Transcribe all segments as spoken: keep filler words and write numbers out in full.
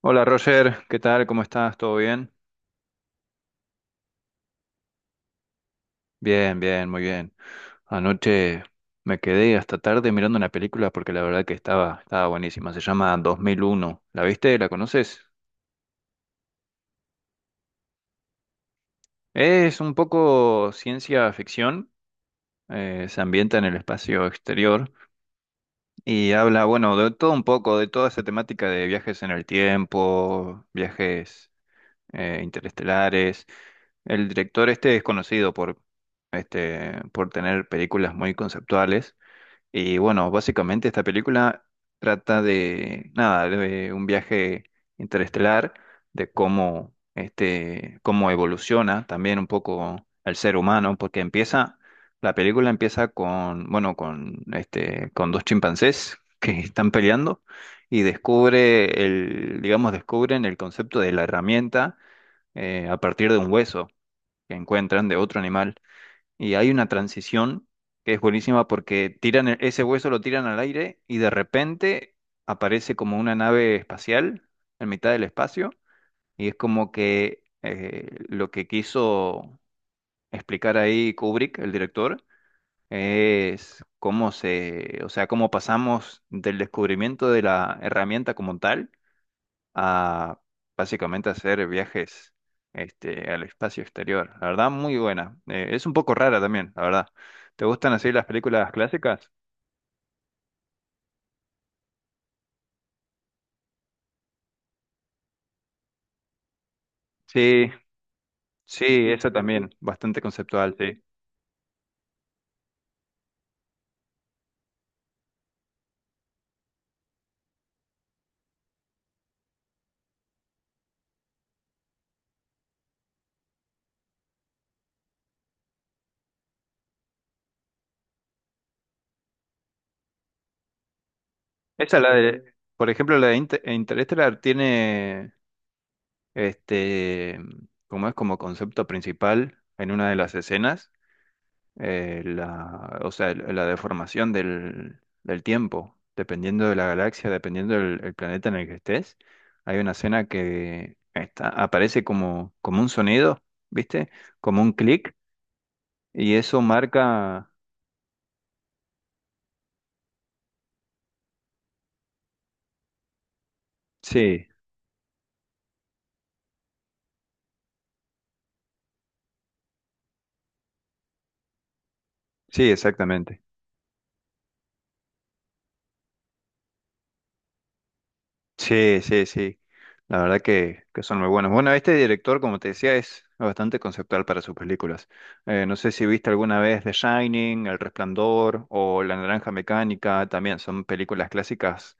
Hola Roger, ¿qué tal? ¿Cómo estás? ¿Todo bien? Bien, bien, muy bien. Anoche me quedé hasta tarde mirando una película porque la verdad que estaba, estaba buenísima. Se llama dos mil uno. ¿La viste? ¿La conoces? Es un poco ciencia ficción. Eh, se ambienta en el espacio exterior y habla, bueno, de todo un poco, de toda esa temática de viajes en el tiempo, viajes eh, interestelares. El director este es conocido por, este, por tener películas muy conceptuales. Y bueno, básicamente esta película trata de, nada, de un viaje interestelar, de cómo, este, cómo evoluciona también un poco el ser humano, porque empieza, la película empieza con, bueno, con, este, con dos chimpancés que están peleando y descubre el, digamos, descubren el concepto de la herramienta eh, a partir de un hueso que encuentran de otro animal. Y hay una transición que es buenísima porque tiran e- ese hueso lo tiran al aire y de repente aparece como una nave espacial en mitad del espacio y es como que eh, lo que quiso explicar ahí Kubrick, el director, es cómo se, o sea, cómo pasamos del descubrimiento de la herramienta como tal a básicamente hacer viajes este, al espacio exterior. La verdad, muy buena. Eh, es un poco rara también, la verdad. ¿Te gustan así las películas clásicas? Sí, sí, esa también, bastante conceptual, sí. Esa la de, por ejemplo, la de Inter- Interstellar tiene, este, como es como concepto principal en una de las escenas. Eh, la, o sea, el- la deformación del, del tiempo, dependiendo de la galaxia, dependiendo del el planeta en el que estés. Hay una escena que está, aparece como, como un sonido, ¿viste? Como un clic, y eso marca... Sí, sí, exactamente. Sí, sí, sí. La verdad que, que son muy buenos. Bueno, este director, como te decía, es bastante conceptual para sus películas. Eh, no sé si viste alguna vez The Shining, El Resplandor o La Naranja Mecánica. También son películas clásicas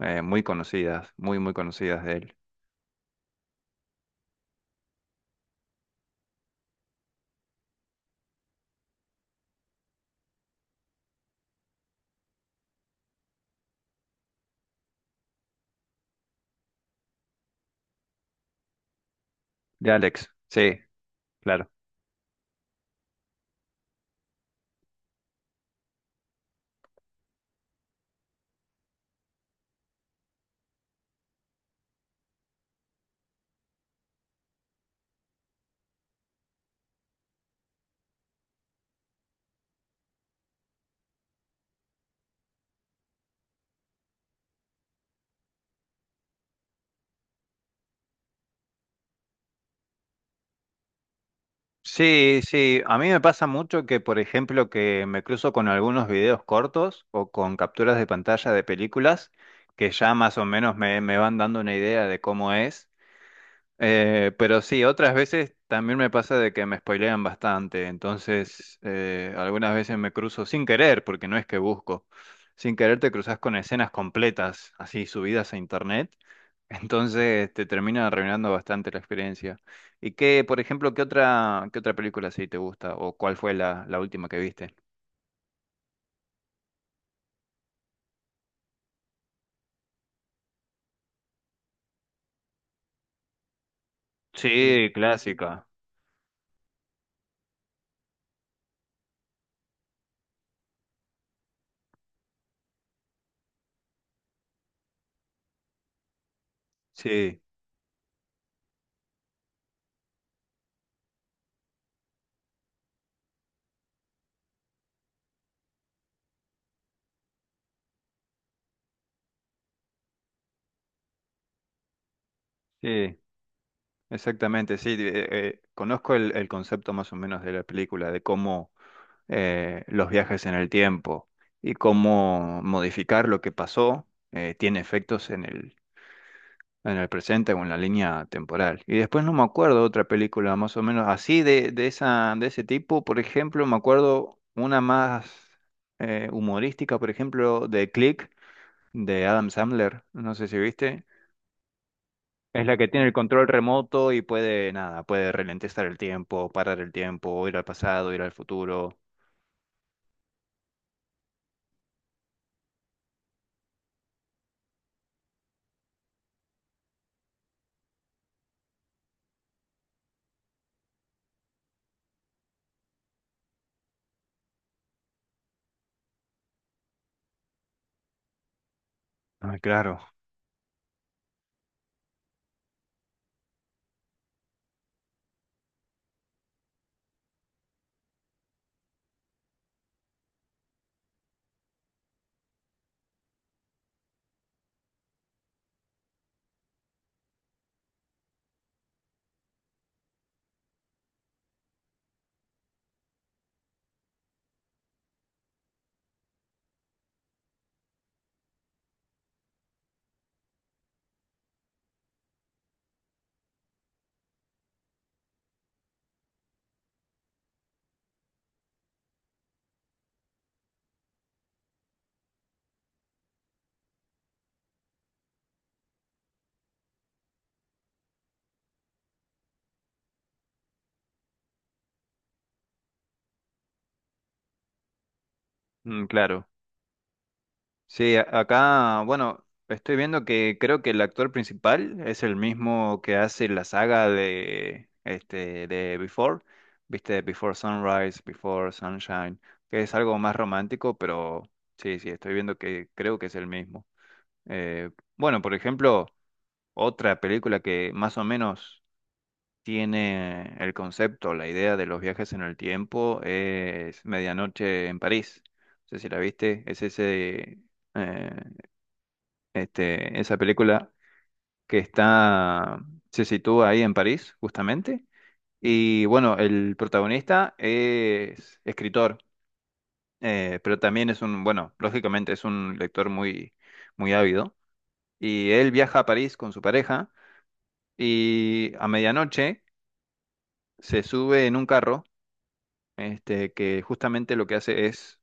eh, muy conocidas, muy, muy conocidas de él. De Alex, sí, claro. Sí, sí. A mí me pasa mucho que, por ejemplo, que me cruzo con algunos videos cortos o con capturas de pantalla de películas que ya más o menos me, me van dando una idea de cómo es. Eh, pero sí, otras veces también me pasa de que me spoilean bastante, entonces eh, algunas veces me cruzo sin querer, porque no es que busco, sin querer te cruzas con escenas completas, así subidas a internet, entonces te termina arruinando bastante la experiencia. ¿Y qué, por ejemplo, qué otra, qué otra película sí te gusta o cuál fue la, la última que viste? Mm, sí, clásica. Sí, sí, exactamente, sí, eh, eh, Conozco el el concepto más o menos de la película, de cómo eh, los viajes en el tiempo y cómo modificar lo que pasó eh, tiene efectos en el, en el presente o en la línea temporal. Y después no me acuerdo otra película más o menos así de, de esa, de ese tipo. Por ejemplo, me acuerdo una más eh, humorística, por ejemplo, de Click, de Adam Sandler. No sé si viste. Es la que tiene el control remoto y puede, nada, puede ralentizar el tiempo, parar el tiempo, ir al pasado, ir al futuro. Ah, claro. Mm, claro. Sí, a- acá, bueno, estoy viendo que creo que el actor principal es el mismo que hace la saga de este de Before, ¿viste? Before Sunrise, Before Sunshine, que es algo más romántico, pero sí, sí, estoy viendo que creo que es el mismo. Eh, bueno, por ejemplo, otra película que más o menos tiene el concepto, la idea de los viajes en el tiempo es Medianoche en París. No sé si la viste, es ese eh, este, esa película que está, se sitúa ahí en París, justamente. Y bueno, el protagonista es escritor, eh, pero también es un, bueno, lógicamente es un lector muy, muy ávido. Y él viaja a París con su pareja y a medianoche se sube en un carro, este, que justamente lo que hace es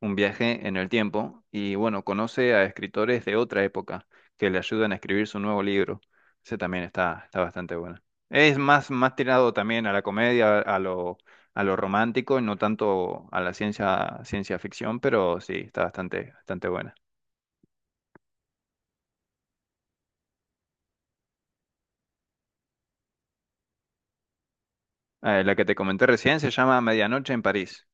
un viaje en el tiempo y bueno, conoce a escritores de otra época que le ayudan a escribir su nuevo libro. Ese también está, está bastante bueno. Es más, más tirado también a la comedia, a lo, a lo romántico y no tanto a la ciencia, ciencia ficción, pero sí, está bastante, bastante buena. Eh, la que te comenté recién se llama Medianoche en París.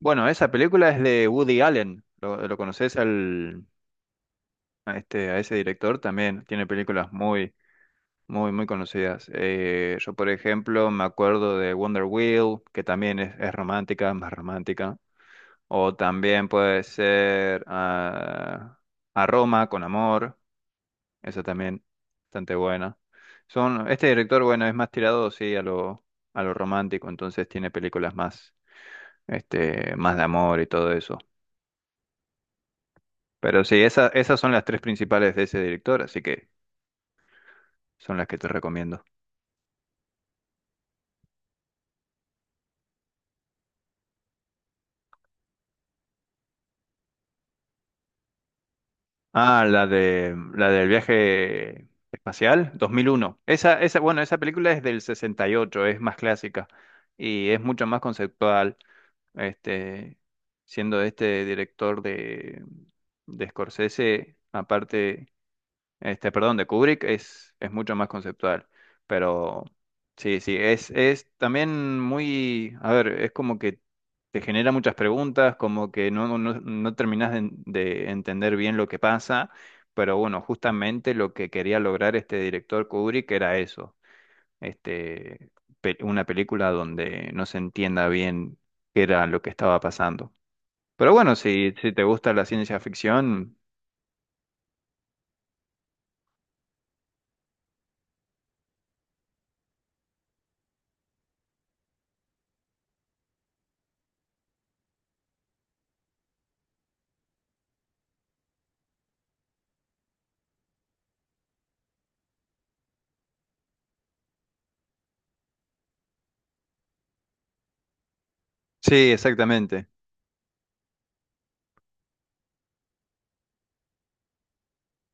Bueno, esa película es de Woody Allen. ¿Lo, lo conoces al, a, este, a ese director? También tiene películas muy muy, muy conocidas. Eh, yo, por ejemplo, me acuerdo de Wonder Wheel, que también es, es romántica, más romántica. O también puede ser ah, A Roma con amor. Esa también, bastante buena. Son, este director, bueno, es más tirado, sí, a lo, a lo romántico, entonces tiene películas más, este, más de amor y todo eso. Pero sí, esa- esas son las tres principales de ese director, así que son las que te recomiendo. Ah, la de la del viaje espacial, dos mil uno. Esa, esa, bueno, esa película es del sesenta y ocho, es más clásica y es mucho más conceptual, este, siendo este director de, de Scorsese, aparte este, perdón, de Kubrick es, es mucho más conceptual, pero sí, sí, es, es también muy, a ver, es como que te genera muchas preguntas, como que no, no, no no terminás de, de entender bien lo que pasa, pero bueno, justamente lo que quería lograr este director Kubrick era eso, este, pe- una película donde no se entienda bien qué era lo que estaba pasando. Pero bueno, si, si te gusta la ciencia ficción, sí, exactamente.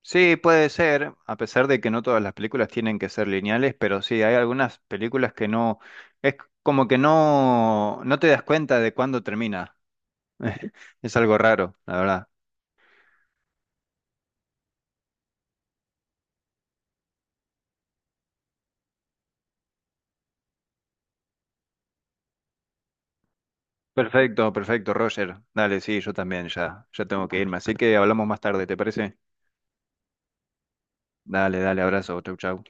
Sí, puede ser, a pesar de que no todas las películas tienen que ser lineales, pero sí, hay algunas películas que no, es como que no, no te das cuenta de cuándo termina. Es algo raro, la verdad. Perfecto, perfecto, Roger. Dale, sí, yo también ya, ya tengo que irme, así que hablamos más tarde, ¿te parece? Dale, dale, abrazo, chau, chau.